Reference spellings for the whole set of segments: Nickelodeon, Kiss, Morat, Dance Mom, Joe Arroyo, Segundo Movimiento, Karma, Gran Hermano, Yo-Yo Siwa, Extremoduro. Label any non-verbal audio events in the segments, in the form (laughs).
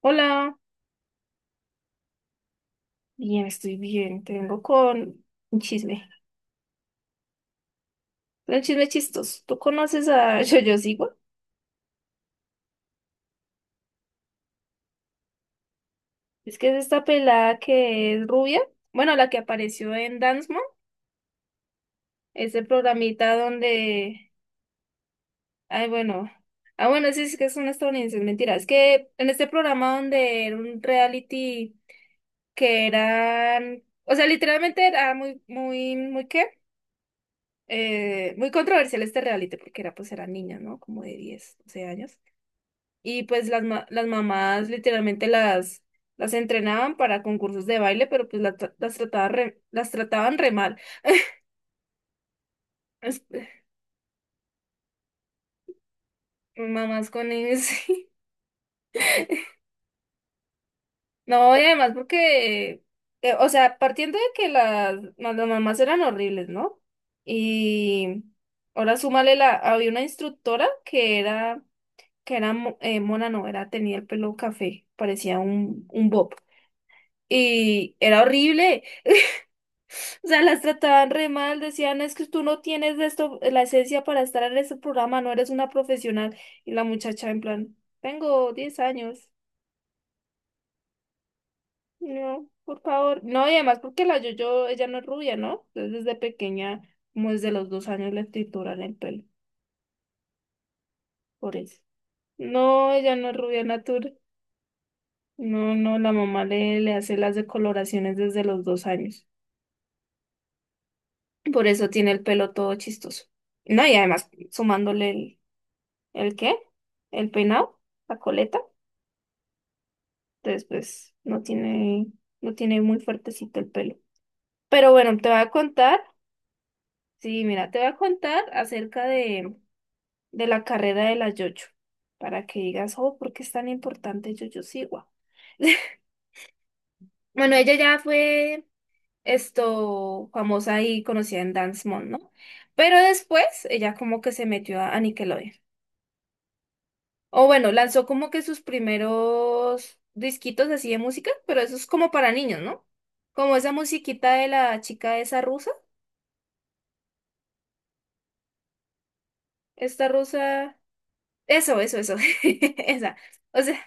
Hola, bien, estoy bien. Te vengo con un chisme. Un chisme chistoso. ¿Tú conoces a (laughs) Yo-Yo Siwa? Es que es esta pelada que es rubia. Bueno, la que apareció en Dance Mom. Ese programita donde... Ay, bueno. Bueno, sí, es que son estadounidenses. Mentira. Es que en este programa donde era un reality que eran, o sea, literalmente era muy, muy, muy qué, muy controversial este reality porque era, pues, eran niñas, ¿no? Como de 10, 12 años. Y pues las mamás literalmente las entrenaban para concursos de baile, pero pues trataban re, las trataban re mal. Es- eh, Mamás con ellos. (laughs) No, y además porque, o sea, partiendo de que las mamás eran horribles, ¿no? Y ahora súmale la, había una instructora que era mona, no, era, tenía el pelo café, parecía un bob. Y era horrible. O sea, las trataban re mal, decían, es que tú no tienes de esto, la esencia para estar en este programa, no eres una profesional. Y la muchacha en plan, tengo 10 años. No, por favor. No, y además porque la Yoyo, ella no es rubia, ¿no? Entonces desde pequeña, como desde los dos años le trituran el pelo, por eso. No, ella no es rubia natural. No, no, la mamá le, le hace las decoloraciones desde los dos años. Por eso tiene el pelo todo chistoso. No, y además sumándole el... ¿El qué? El peinado, la coleta. Entonces, pues no tiene, no tiene muy fuertecito el pelo. Pero bueno, te voy a contar, sí, mira, te voy a contar acerca de la carrera de la Yoyo, para que digas, oh, ¿por qué es tan importante Yoyo Siwa? (laughs) Bueno, ella ya fue esto famosa y conocida en Dance Mom, ¿no? Pero después ella como que se metió a Nickelodeon. O bueno, lanzó como que sus primeros disquitos así de música, pero eso es como para niños, ¿no? Como esa musiquita de la chica esa rusa, esta rusa, eso, (laughs) esa. O sea,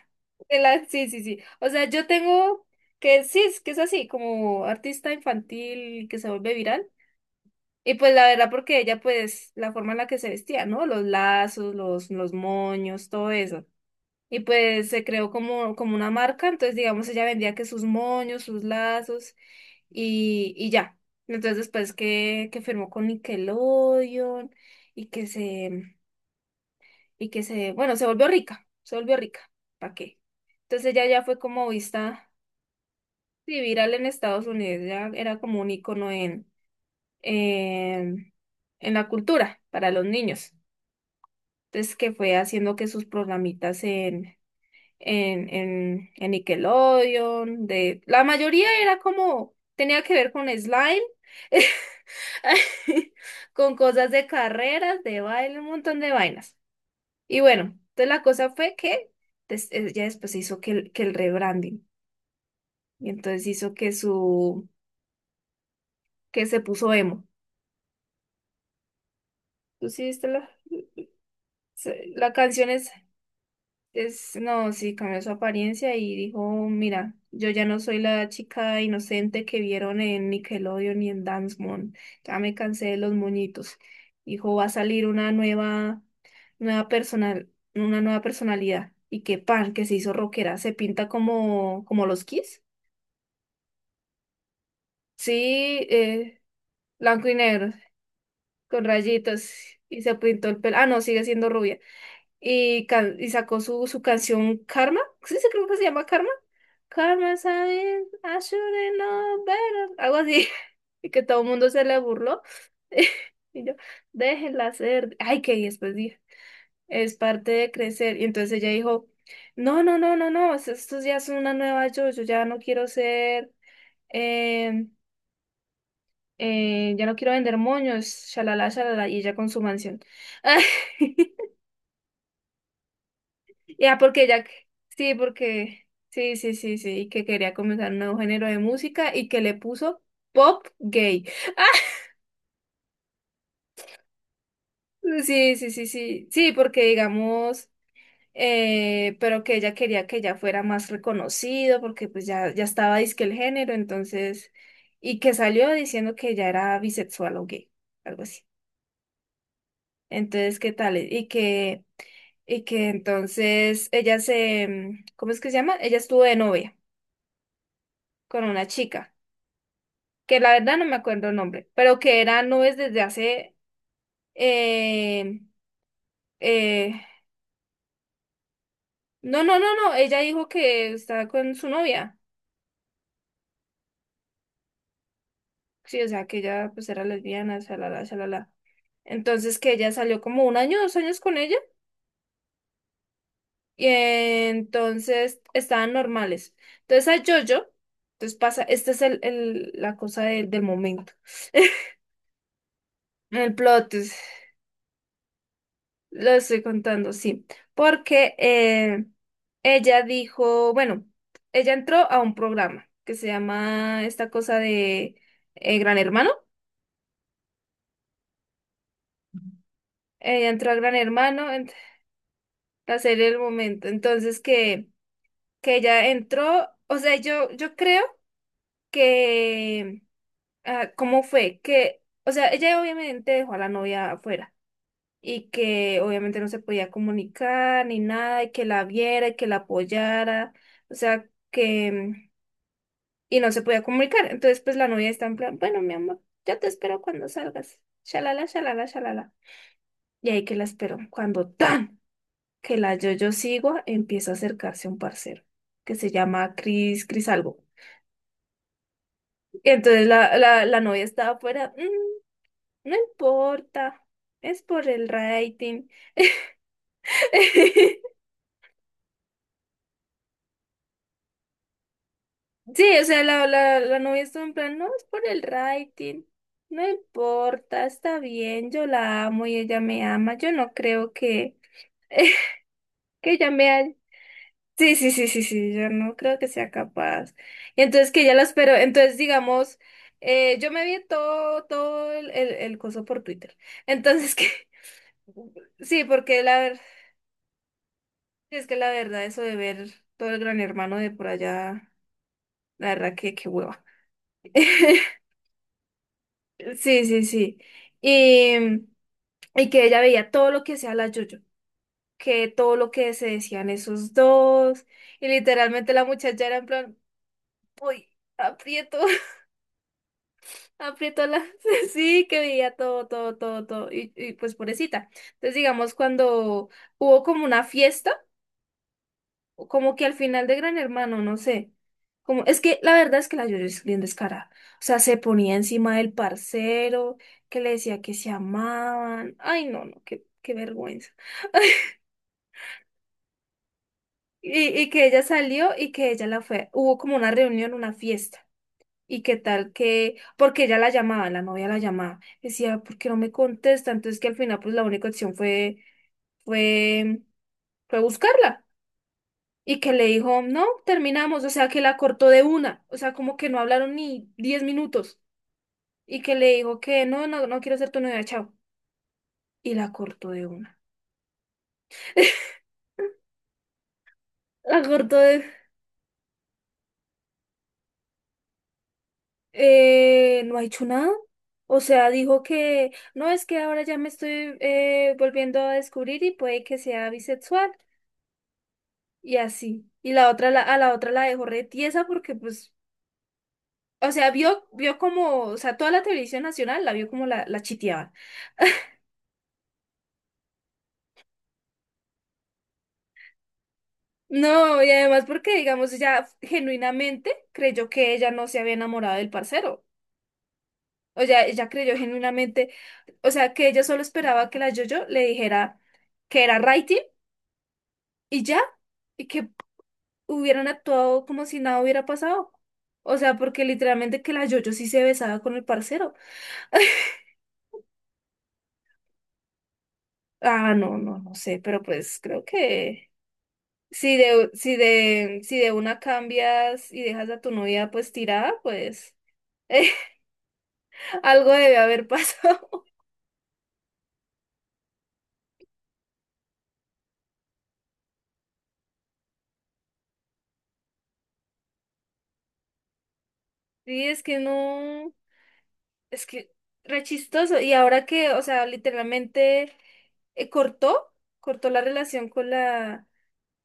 de la- sí, sí, sí. O sea, yo tengo que, sí, es que es así, como artista infantil que se vuelve viral. Y pues la verdad, porque ella, pues, la forma en la que se vestía, ¿no? Los lazos, los moños, todo eso. Y pues se creó como, como una marca, entonces digamos ella vendía que sus moños, sus lazos y ya. Entonces después que firmó con Nickelodeon y que se, y que se, bueno, se volvió rica, ¿para qué? Entonces ella ya fue como vista, sí, viral en Estados Unidos, ya era como un icono en, en la cultura para los niños. Entonces que fue haciendo que sus programitas en Nickelodeon, de la mayoría era como, tenía que ver con slime, (laughs) con cosas de carreras, de baile, un montón de vainas. Y bueno, entonces la cosa fue que ya después se hizo que el rebranding, y entonces hizo que su, que se puso emo. ¿Tú sí viste la, la canción es... Es, no, sí, cambió su apariencia y dijo, mira, yo ya no soy la chica inocente que vieron en Nickelodeon y en Dance Moon, ya me cansé de los moñitos. Dijo, va a salir una nueva, nueva personal, una nueva personalidad. Y que pan, que se hizo rockera, se pinta como, como los Kiss. Sí, eh, blanco y negro, con rayitos, y se pintó el pelo. Ah, no, sigue siendo rubia. Y, y sacó su, su canción Karma. Sí, sí, creo que se llama Karma. Karma, ¿sabes? I should've known better. Algo así. (laughs) Y que todo el mundo se le burló. (laughs) Y yo, déjenla ser. Ay, que y después dije, es parte de crecer. Y entonces ella dijo, no, no, no, no, no, esto ya es una nueva yo. Yo ya no quiero ser, eh, ya no quiero vender moños, shalala, shalala. Y ella con su mansión. (laughs) Ya, porque ya, sí, porque, sí, sí, sí, sí, que quería comenzar un nuevo género de música y que le puso pop gay. (laughs) Sí, sí, sí, sí, sí, porque digamos, pero que ella quería que ya fuera más reconocido, porque pues ya, ya estaba disque el género, entonces, y que salió diciendo que ya era bisexual o gay, algo así. Entonces, ¿qué tal? Y que entonces ella se, ¿cómo es que se llama? Ella estuvo de novia con una chica. Que la verdad no me acuerdo el nombre, pero que era nubes desde hace... eh, eh, no, no, no, no, ella dijo que estaba con su novia. Sí, o sea, que ella pues era lesbiana, shalala, shalala. Entonces que ella salió como un año, dos años con ella y entonces estaban normales. Entonces a Jojo, entonces pasa, esta es el, la cosa del del momento, (laughs) el plot twist. Lo estoy contando, sí, porque ella dijo, bueno, ella entró a un programa que se llama esta cosa de Gran Hermano. Ella entró a Gran Hermano, en la serie del momento. Entonces que ella entró, o sea, yo creo que, ah, ¿cómo fue? Que, o sea, ella obviamente dejó a la novia afuera. Y que obviamente no se podía comunicar ni nada, y que la viera y que la apoyara, o sea, que, y no se podía comunicar. Entonces, pues la novia está en plan, bueno, mi amor, yo te espero cuando salgas. Shalala, shalala, shalala. Y ahí que la espero, cuando tan que la yo-yo sigo, empieza a acercarse un parcero que se llama Cris, Cris algo. Y entonces la novia estaba afuera, "Mm, no importa, es por el rating." (laughs) Sí, o sea, la novia estuvo en plan, no, es por el rating, no importa, está bien, yo la amo y ella me ama, yo no creo que, (laughs) que ella Sí, sí, sí, sí, sí, yo no creo que sea capaz. Y entonces que ella la esperó, entonces digamos, yo me vi todo, todo el coso por Twitter. Entonces que, (laughs) sí, porque la verdad, es que la verdad, eso de ver todo el Gran Hermano de por allá, la verdad que qué hueva. (laughs) Sí, sí, sí. Y, y que ella veía todo lo que hacía la Yoyo, que todo lo que se decían esos dos. Y literalmente la muchacha era en plan, uy, aprieto, (laughs) aprieto la. (laughs) Sí, que veía todo, todo, todo, todo. Y pues pobrecita. Entonces, digamos, cuando hubo como una fiesta. O como que al final de Gran Hermano, no sé. Como, es que la verdad es que la Yoyo es bien descarada. O sea, se ponía encima del parcero, que le decía que se amaban. Ay, no, no, qué, qué vergüenza. (laughs) Y, y que ella salió y que ella la fue. Hubo como una reunión, una fiesta. Y qué tal que, porque ella la llamaba, la novia la llamaba. Decía, ¿por qué no me contesta? Entonces que al final, pues la única opción fue, fue, fue buscarla. Y que le dijo, no, terminamos, o sea, que la cortó de una, o sea, como que no hablaron ni 10 minutos. Y que le dijo que no, no, no quiero ser tu novia, chao. Y la cortó de una. (laughs) La cortó de... no ha hecho nada. O sea, dijo que no, es que ahora ya me estoy volviendo a descubrir y puede que sea bisexual. Y así. Y la otra, la, a la otra la dejó re tiesa porque pues, o sea, vio, vio como, o sea, toda la televisión nacional la vio como la chiteaban. (laughs) No, y además porque, digamos, ella genuinamente creyó que ella no se había enamorado del parcero. O sea, ella creyó genuinamente, o sea, que ella solo esperaba que la Jojo le dijera que era Righty y ya, y que hubieran actuado como si nada hubiera pasado. O sea, porque literalmente que la Jojo sí se besaba con el parcero. (laughs) Ah, no, no, no sé, pero pues creo que si de, si de, si de una cambias y dejas a tu novia pues tirada, pues... (laughs) Algo debe haber pasado. (laughs) Sí, es que no, es que re chistoso. Y ahora que, o sea, literalmente cortó, cortó la relación con la,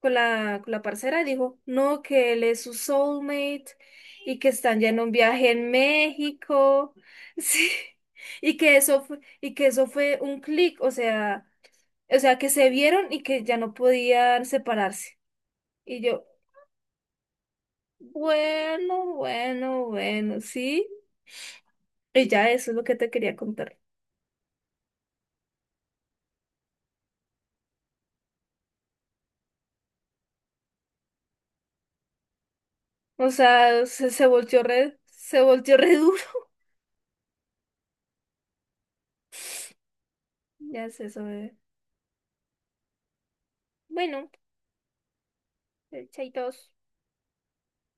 con la, con la parcera, dijo, no, que él es su soulmate y que están ya en un viaje en México. (laughs) Sí. Y que eso fue, y que eso fue un clic, o sea, que se vieron y que ya no podían separarse. Y yo, bueno, bueno, bueno, sí. Y ya eso es lo que te quería contar. O sea, se, se volteó re duro. (laughs) Ya es eso, bebé. Bueno, chaitos.